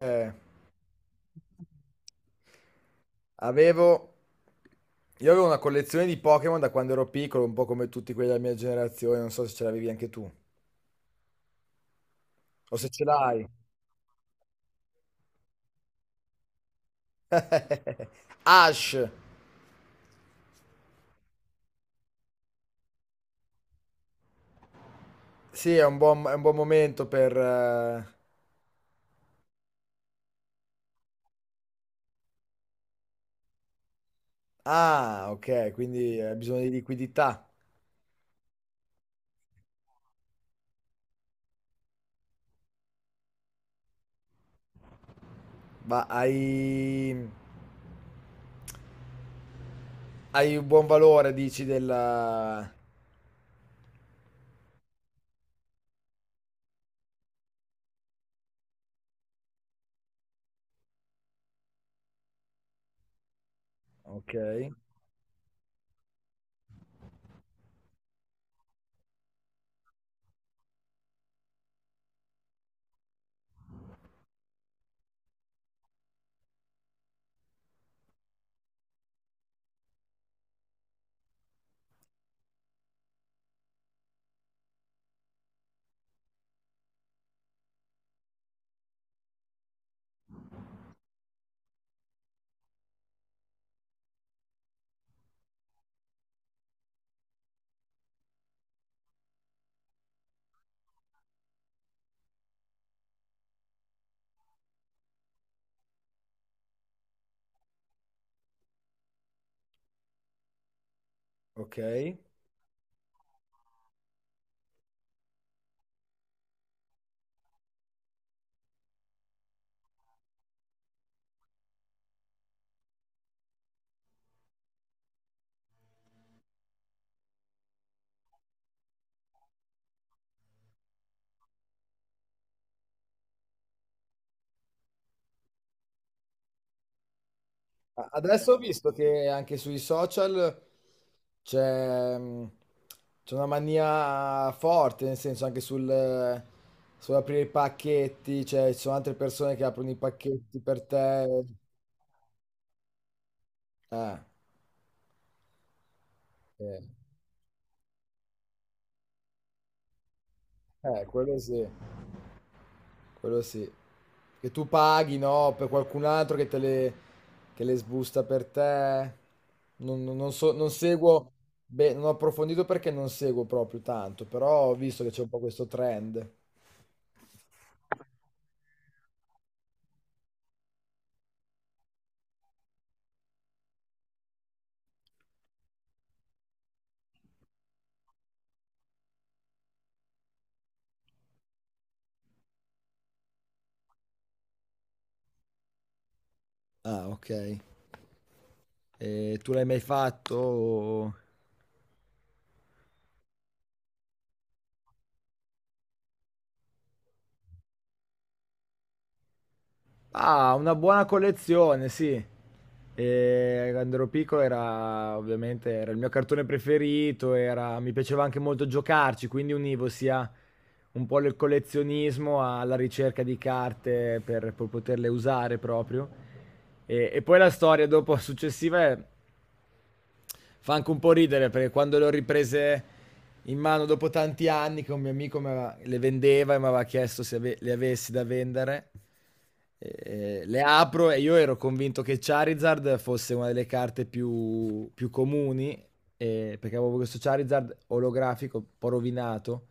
Eh, avevo... Io avevo una collezione di Pokémon da quando ero piccolo, un po' come tutti quelli della mia generazione, non so se ce l'avevi anche tu, o se ce l'hai. Ash, sì, è un buon momento per. Ah, ok, quindi hai bisogno di liquidità, ma hai un buon valore, dici, della. Ok, ok. Adesso ho visto che anche sui social c'è mh, c'è una mania forte, nel senso anche sull'aprire i pacchetti, cioè ci sono altre persone che aprono i pacchetti per te. Eh, eh, quello sì. Quello sì. Che tu paghi, no, per qualcun altro che che le sbusta per te. Non so, non seguo, beh, non ho approfondito perché non seguo proprio tanto, però ho visto che c'è un po' questo trend. Ah, ok. E tu l'hai mai fatto? Ah, una buona collezione, sì. E quando ero piccolo era il mio cartone preferito, mi piaceva anche molto giocarci, quindi univo sia un po' il collezionismo alla ricerca di carte per poterle usare proprio. E poi la storia dopo successiva è fa anche un po' ridere perché quando le ho riprese in mano dopo tanti anni che un mio amico le vendeva e mi aveva chiesto se le avessi da vendere, le apro e io ero convinto che Charizard fosse una delle carte più comuni, perché avevo questo Charizard olografico un po' rovinato,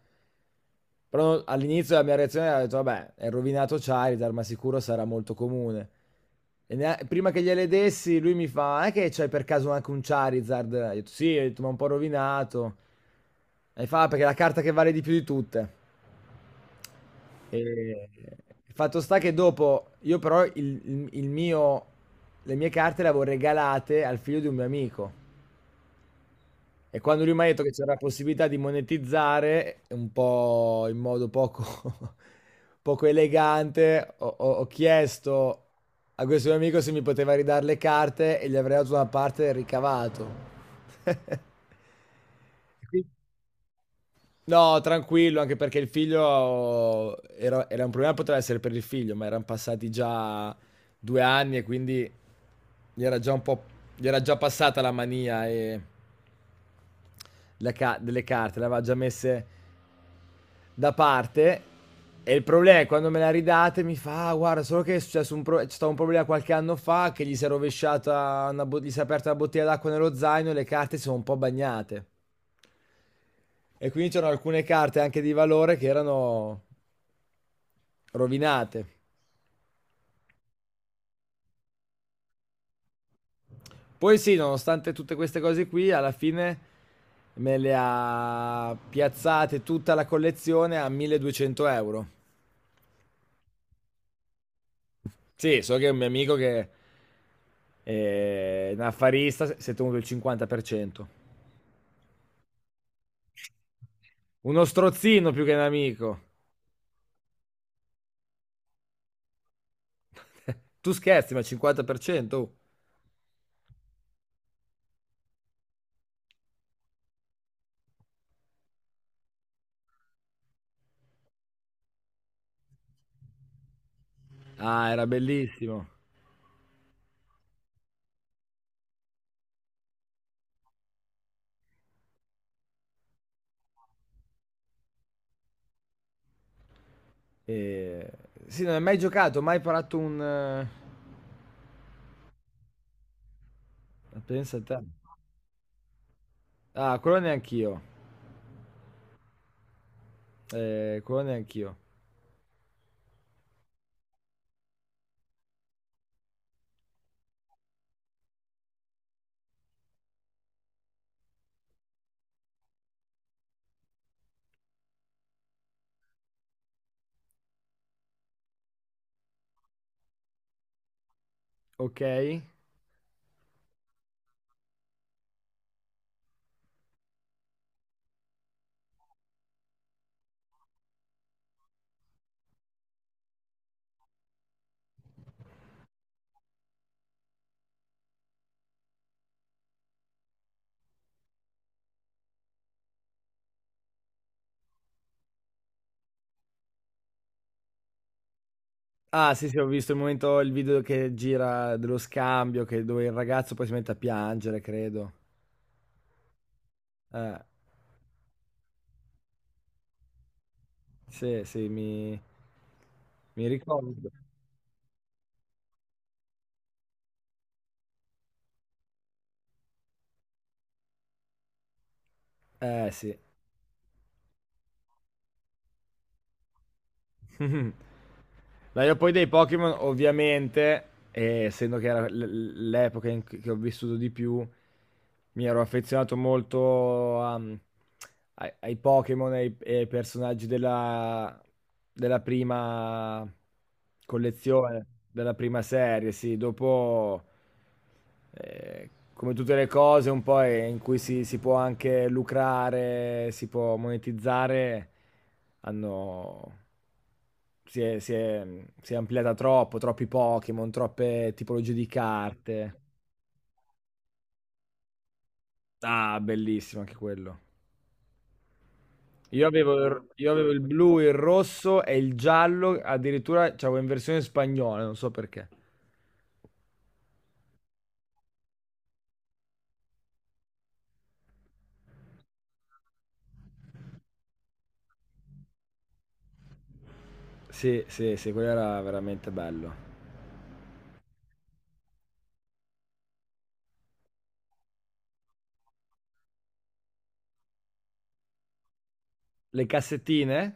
però all'inizio la mia reazione era, ho detto, vabbè, è rovinato Charizard, ma sicuro sarà molto comune. E prima che gliele dessi, lui mi fa, è che c'hai per caso anche un Charizard? Io ho detto, sì, ho detto, ma un po' rovinato. E fa, "Ah, perché è la carta che vale di più di tutte." E il fatto sta che dopo, io però le mie carte le avevo regalate al figlio di un mio amico. E quando lui mi ha detto che c'era la possibilità di monetizzare, un po' in modo poco, poco elegante, ho chiesto a questo mio amico se mi poteva ridare le carte e gli avrei dato una parte del ricavato. Quindi- No, tranquillo, anche perché il figlio era un problema, poteva essere per il figlio, ma erano passati già due anni e quindi gli era già un po', gli era già passata la mania e delle carte, le aveva già messe da parte. E il problema è quando me la ridate mi fa, "Ah, guarda, solo che è successo un, pro- c'è stato un problema qualche anno fa che gli si è rovesciata, gli si è aperta una bottiglia d'acqua nello zaino e le carte si sono un po' bagnate. E quindi c'erano alcune carte anche di valore che erano rovinate." Poi sì, nonostante tutte queste cose qui, alla fine me le ha piazzate tutta la collezione a 1.200 euro. Sì, so che un mio amico che è un affarista si è tenuto il 50%. Uno strozzino più che un amico. Tu scherzi, ma il 50%? Oh. Ah, era bellissimo. E... Sì, non hai mai giocato, mai parato un. Pensa a te. Ah, quello neanch'io. Quello neanch'io. Ok. Ah, sì, sì, ho visto il momento, il video che gira dello scambio, che dove il ragazzo poi si mette a piangere, credo. Eh. Sì, sì, mi ricordo. Eh sì. Dai, poi dei Pokémon, ovviamente, essendo che era l'epoca in cui che ho vissuto di più, mi ero affezionato molto ai Pokémon e ai personaggi della prima collezione, della prima serie, sì. Dopo, come tutte le cose, un po' in cui si può anche lucrare, si può monetizzare, hanno si è, si è- si è ampliata troppo, troppi Pokémon, troppe tipologie di carte. Ah, bellissimo anche quello. Io avevo il blu, il rosso e il giallo, addirittura c'avevo in versione spagnola, non so perché. Sì, sì, sì, quello era veramente bello. Le cassettine?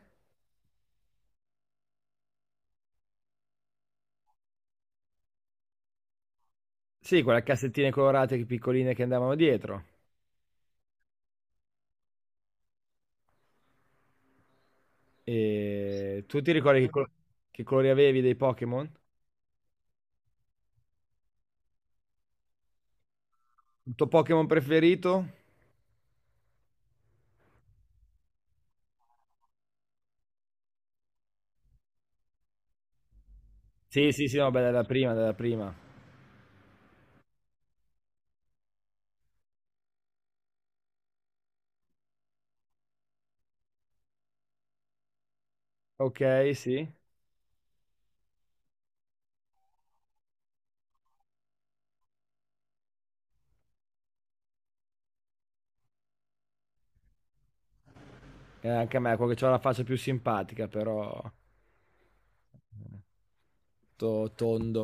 Sì, quelle cassettine colorate piccoline che andavano dietro. E tu ti ricordi che colori avevi dei Pokémon? Il tuo Pokémon preferito? Sì, sì, sì, no, beh, della prima, della prima. Ok, sì. Anche a me, quello che ha la faccia più simpatica, però eh, tondo.